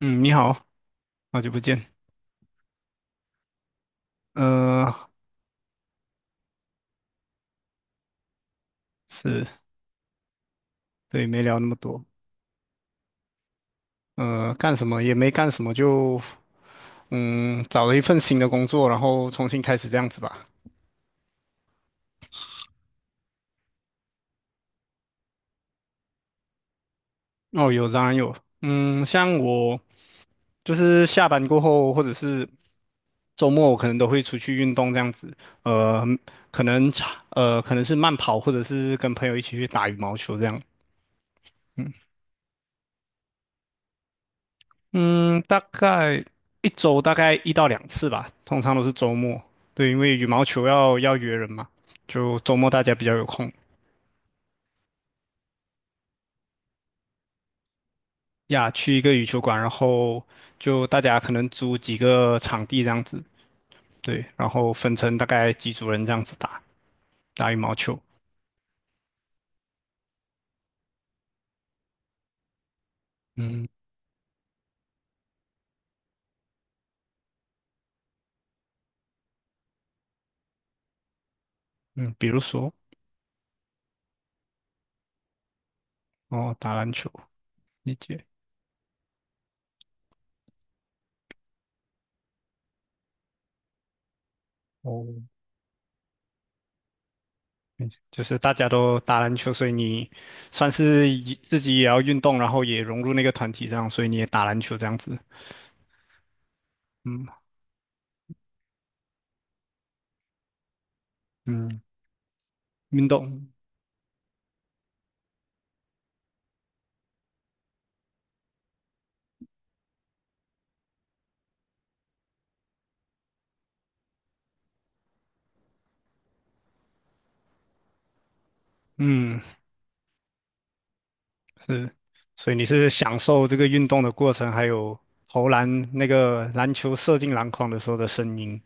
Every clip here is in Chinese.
嗯，你好，好久不见。呃，是，对，没聊那么多。干什么也没干什么，就找了一份新的工作，然后重新开始这样子吧。哦，有，当然有。像我就是下班过后，或者是周末，我可能都会出去运动这样子。呃，可能是慢跑，或者是跟朋友一起去打羽毛球这样。嗯，大概大概一到两次吧，通常都是周末。对，因为羽毛球要约人嘛，就周末大家比较有空呀，去一个羽球馆，然后就大家可能租几个场地这样子，对，然后分成大概几组人这样子打打羽毛球。嗯，比如说哦，打篮球，理解。哦，理解，就是大家都打篮球，所以你算是以自己也要运动，然后也融入那个团体这样，所以你也打篮球这样子。嗯。嗯，运动，嗯，是，所以你是享受这个运动的过程，还有投篮那个篮球射进篮筐的时候的声音，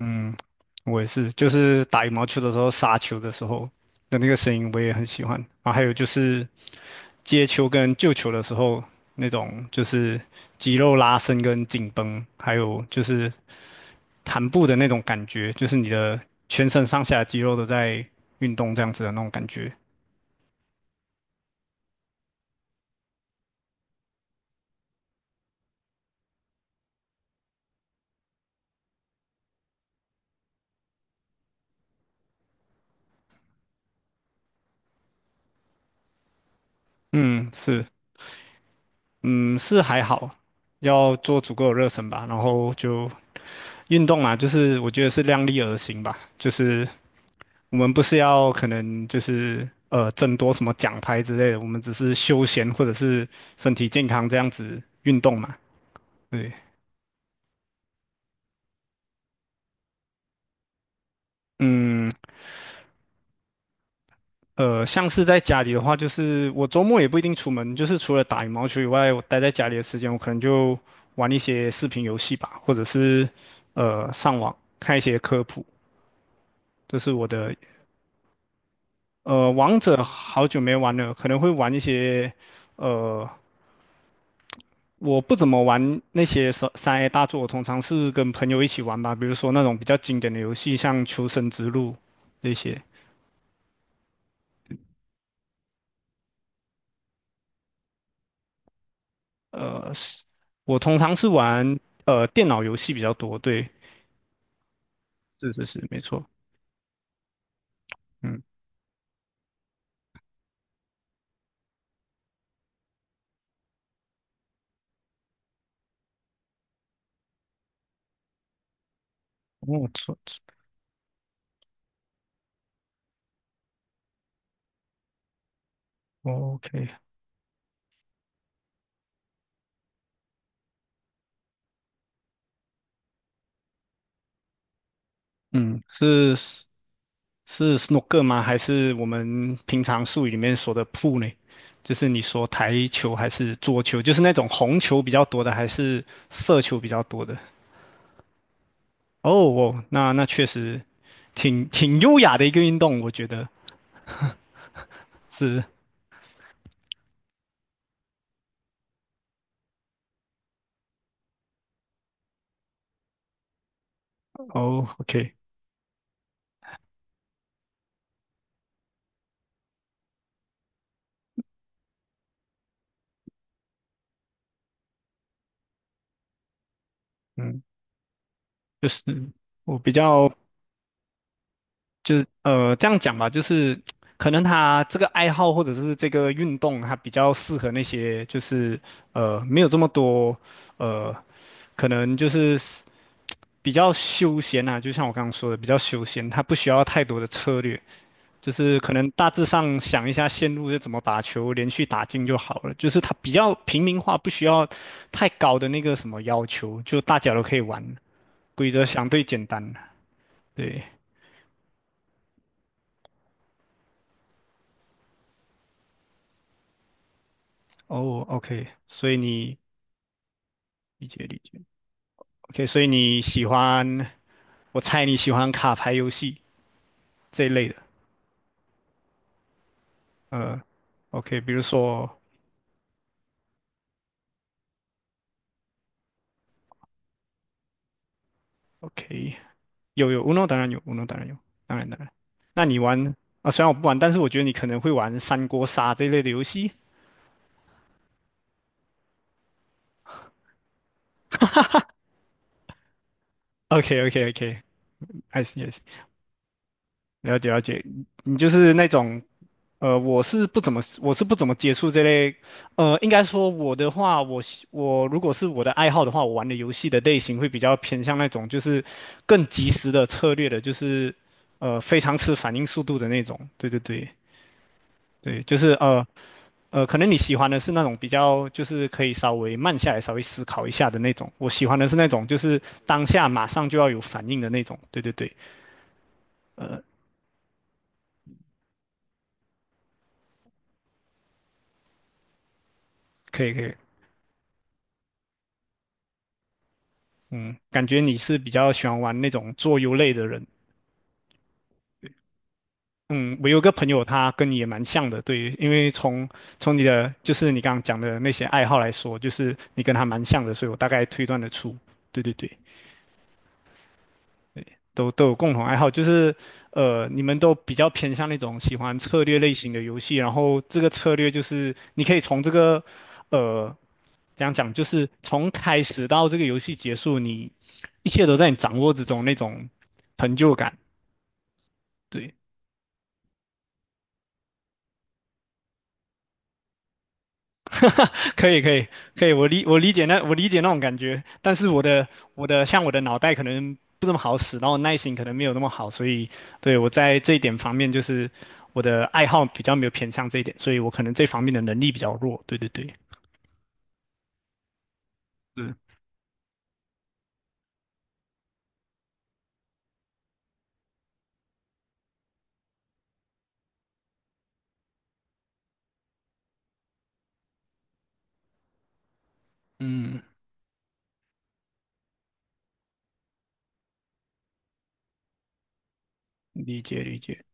嗯，我也是，就是打羽毛球的时候杀球的时候的那个声音，我也很喜欢啊，还有就是接球跟救球的时候那种就是肌肉拉伸跟紧绷，还有就是弹步的那种感觉，就是你的全身上下肌肉都在运动这样子的那种感觉，嗯，是。嗯，是还好，要做足够的热身吧。然后就运动嘛，就是我觉得是量力而行吧。就是我们不是要可能就是争夺什么奖牌之类的，我们只是休闲或者是身体健康这样子运动嘛。对，嗯，像是在家里的话，就是我周末也不一定出门，就是除了打羽毛球以外，我待在家里的时间，我可能就玩一些视频游戏吧，或者是上网看一些科普，这是我的呃，王者好久没玩了，可能会玩一些，呃，我不怎么玩那些三 A 大作，我通常是跟朋友一起玩吧，比如说那种比较经典的游戏，像《求生之路》这些。是我通常是玩电脑游戏比较多，对，是是是，没错，嗯，哦，错错，OK，嗯，是。是 snooker 吗？还是我们平常术语里面说的 pool 呢？就是你说台球还是桌球？就是那种红球比较多的，还是色球比较多的？哦哦，那确实挺优雅的一个运动，我觉得是。哦，OK，嗯，就是我比较就是这样讲吧，就是可能他这个爱好或者是这个运动，它比较适合那些就是没有这么多呃。可能就是比较休闲啊，就像我刚刚说的，比较休闲，它不需要太多的策略，就是可能大致上想一下线路是怎么把球连续打进就好了，就是它比较平民化，不需要太高的那个什么要求，就大家都可以玩，规则相对简单。对，哦，OK，所以你理解理解，OK，所以你喜欢，我猜你喜欢卡牌游戏这一类的，呃，OK，比如说，OK，有有，Uno 当然有，Uno 当然有，当然当然。那你玩啊？虽然我不玩，但是我觉得你可能会玩三国杀这一类的游戏。OK OK OK，I see I s e 了解了解。你就是那种我是不怎么接触这类，应该说我的话，我如果是我的爱好的话，我玩的游戏的类型会比较偏向那种就是更及时的策略的，就是非常吃反应速度的那种。对对对。对，就是可能你喜欢的是那种比较，就是可以稍微慢下来、稍微思考一下的那种。我喜欢的是那种，就是当下马上就要有反应的那种。对对对，可以可以。嗯，感觉你是比较喜欢玩那种做游类的人。嗯，我有个朋友，他跟你也蛮像的。对，因为从你的就是你刚刚讲的那些爱好来说，就是你跟他蛮像的，所以我大概推断得出。对对对。都有共同爱好，就是你们都比较偏向那种喜欢策略类型的游戏，然后这个策略就是你可以从这个呃，怎样讲，就是从开始到这个游戏结束，你一切都在你掌握之中那种成就感。对，可以，可以，可以，我理解那种感觉，但是我的像我的脑袋可能不怎么好使，然后耐心可能没有那么好，所以对我在这一点方面就是我的爱好比较没有偏向这一点，所以我可能这方面的能力比较弱。对对对，嗯嗯，理解理解，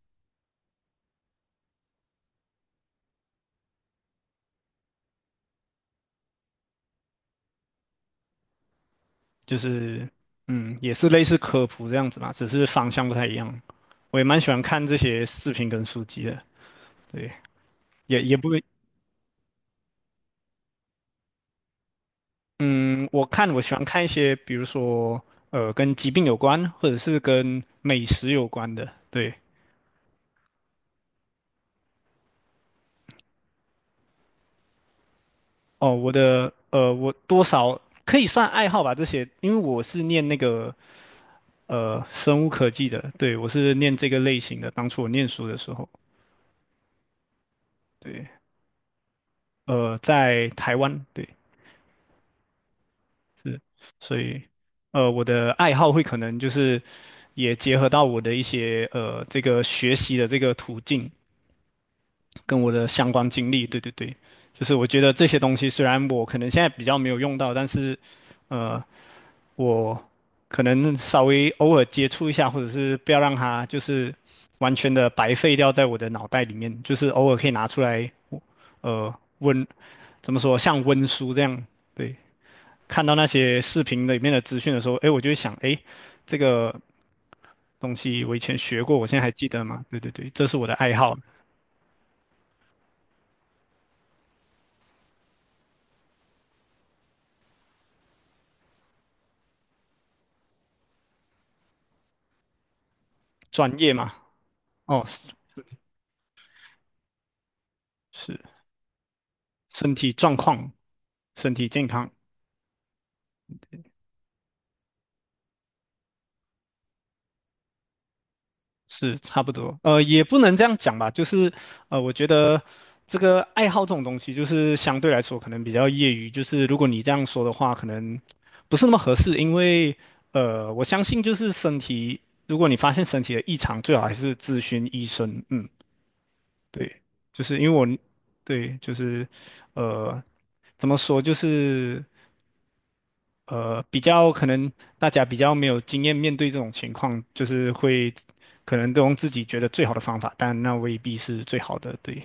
就是也是类似科普这样子嘛，只是方向不太一样。我也蛮喜欢看这些视频跟书籍的，对，也不嗯，我喜欢看一些，比如说跟疾病有关，或者是跟美食有关的。对，哦，我的我多少可以算爱好吧，这些，因为我是念那个生物科技的，对，我是念这个类型的。当初我念书的时候，对，在台湾，对，是，所以我的爱好会可能就是也结合到我的一些这个学习的这个途径。跟我的相关经历，对对对，就是我觉得这些东西虽然我可能现在比较没有用到，但是，呃，我可能稍微偶尔接触一下，或者是不要让它就是完全的白费掉在我的脑袋里面，就是偶尔可以拿出来，呃，温，怎么说，像温书这样，对，看到那些视频里面的资讯的时候，诶，我就会想，诶，这个东西我以前学过，我现在还记得吗？对对对，这是我的爱好，专业嘛，哦，是。是身体状况、身体健康是差不多。也不能这样讲吧，就是我觉得这个爱好这种东西，就是相对来说可能比较业余。就是如果你这样说的话，可能不是那么合适，因为我相信就是身体，如果你发现身体的异常，最好还是咨询医生。嗯，对，就是因为我，对，就是呃，怎么说，就是。比较可能大家比较没有经验，面对这种情况，就是会可能都用自己觉得最好的方法，但那未必是最好的。对，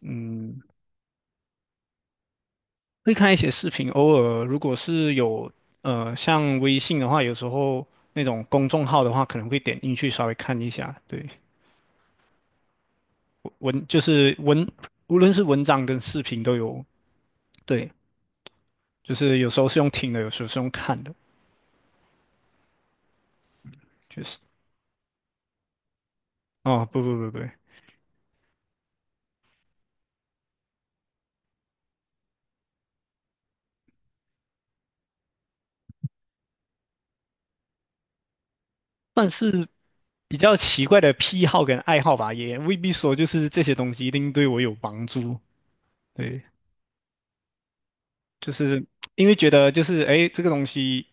嗯，会看一些视频，偶尔如果是有像微信的话，有时候那种公众号的话，可能会点进去稍微看一下。对，文就是文，无论是文章跟视频都有。对，就是有时候是用听的，有时候是用看的，确实。哦，不不不不，但是。比较奇怪的癖好跟爱好吧，也未必说就是这些东西一定对我有帮助。对，就是因为觉得就是诶，这个东西，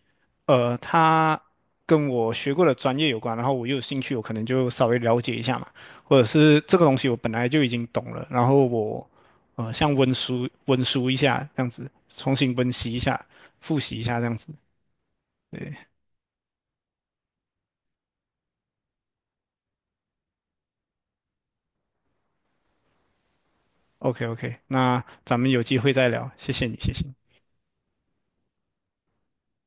它跟我学过的专业有关，然后我又有兴趣，我可能就稍微了解一下嘛，或者是这个东西我本来就已经懂了，然后我像温书温书一下这样子，重新温习一下，复习一下这样子。对，OK OK，那咱们有机会再聊，谢谢你，谢谢你。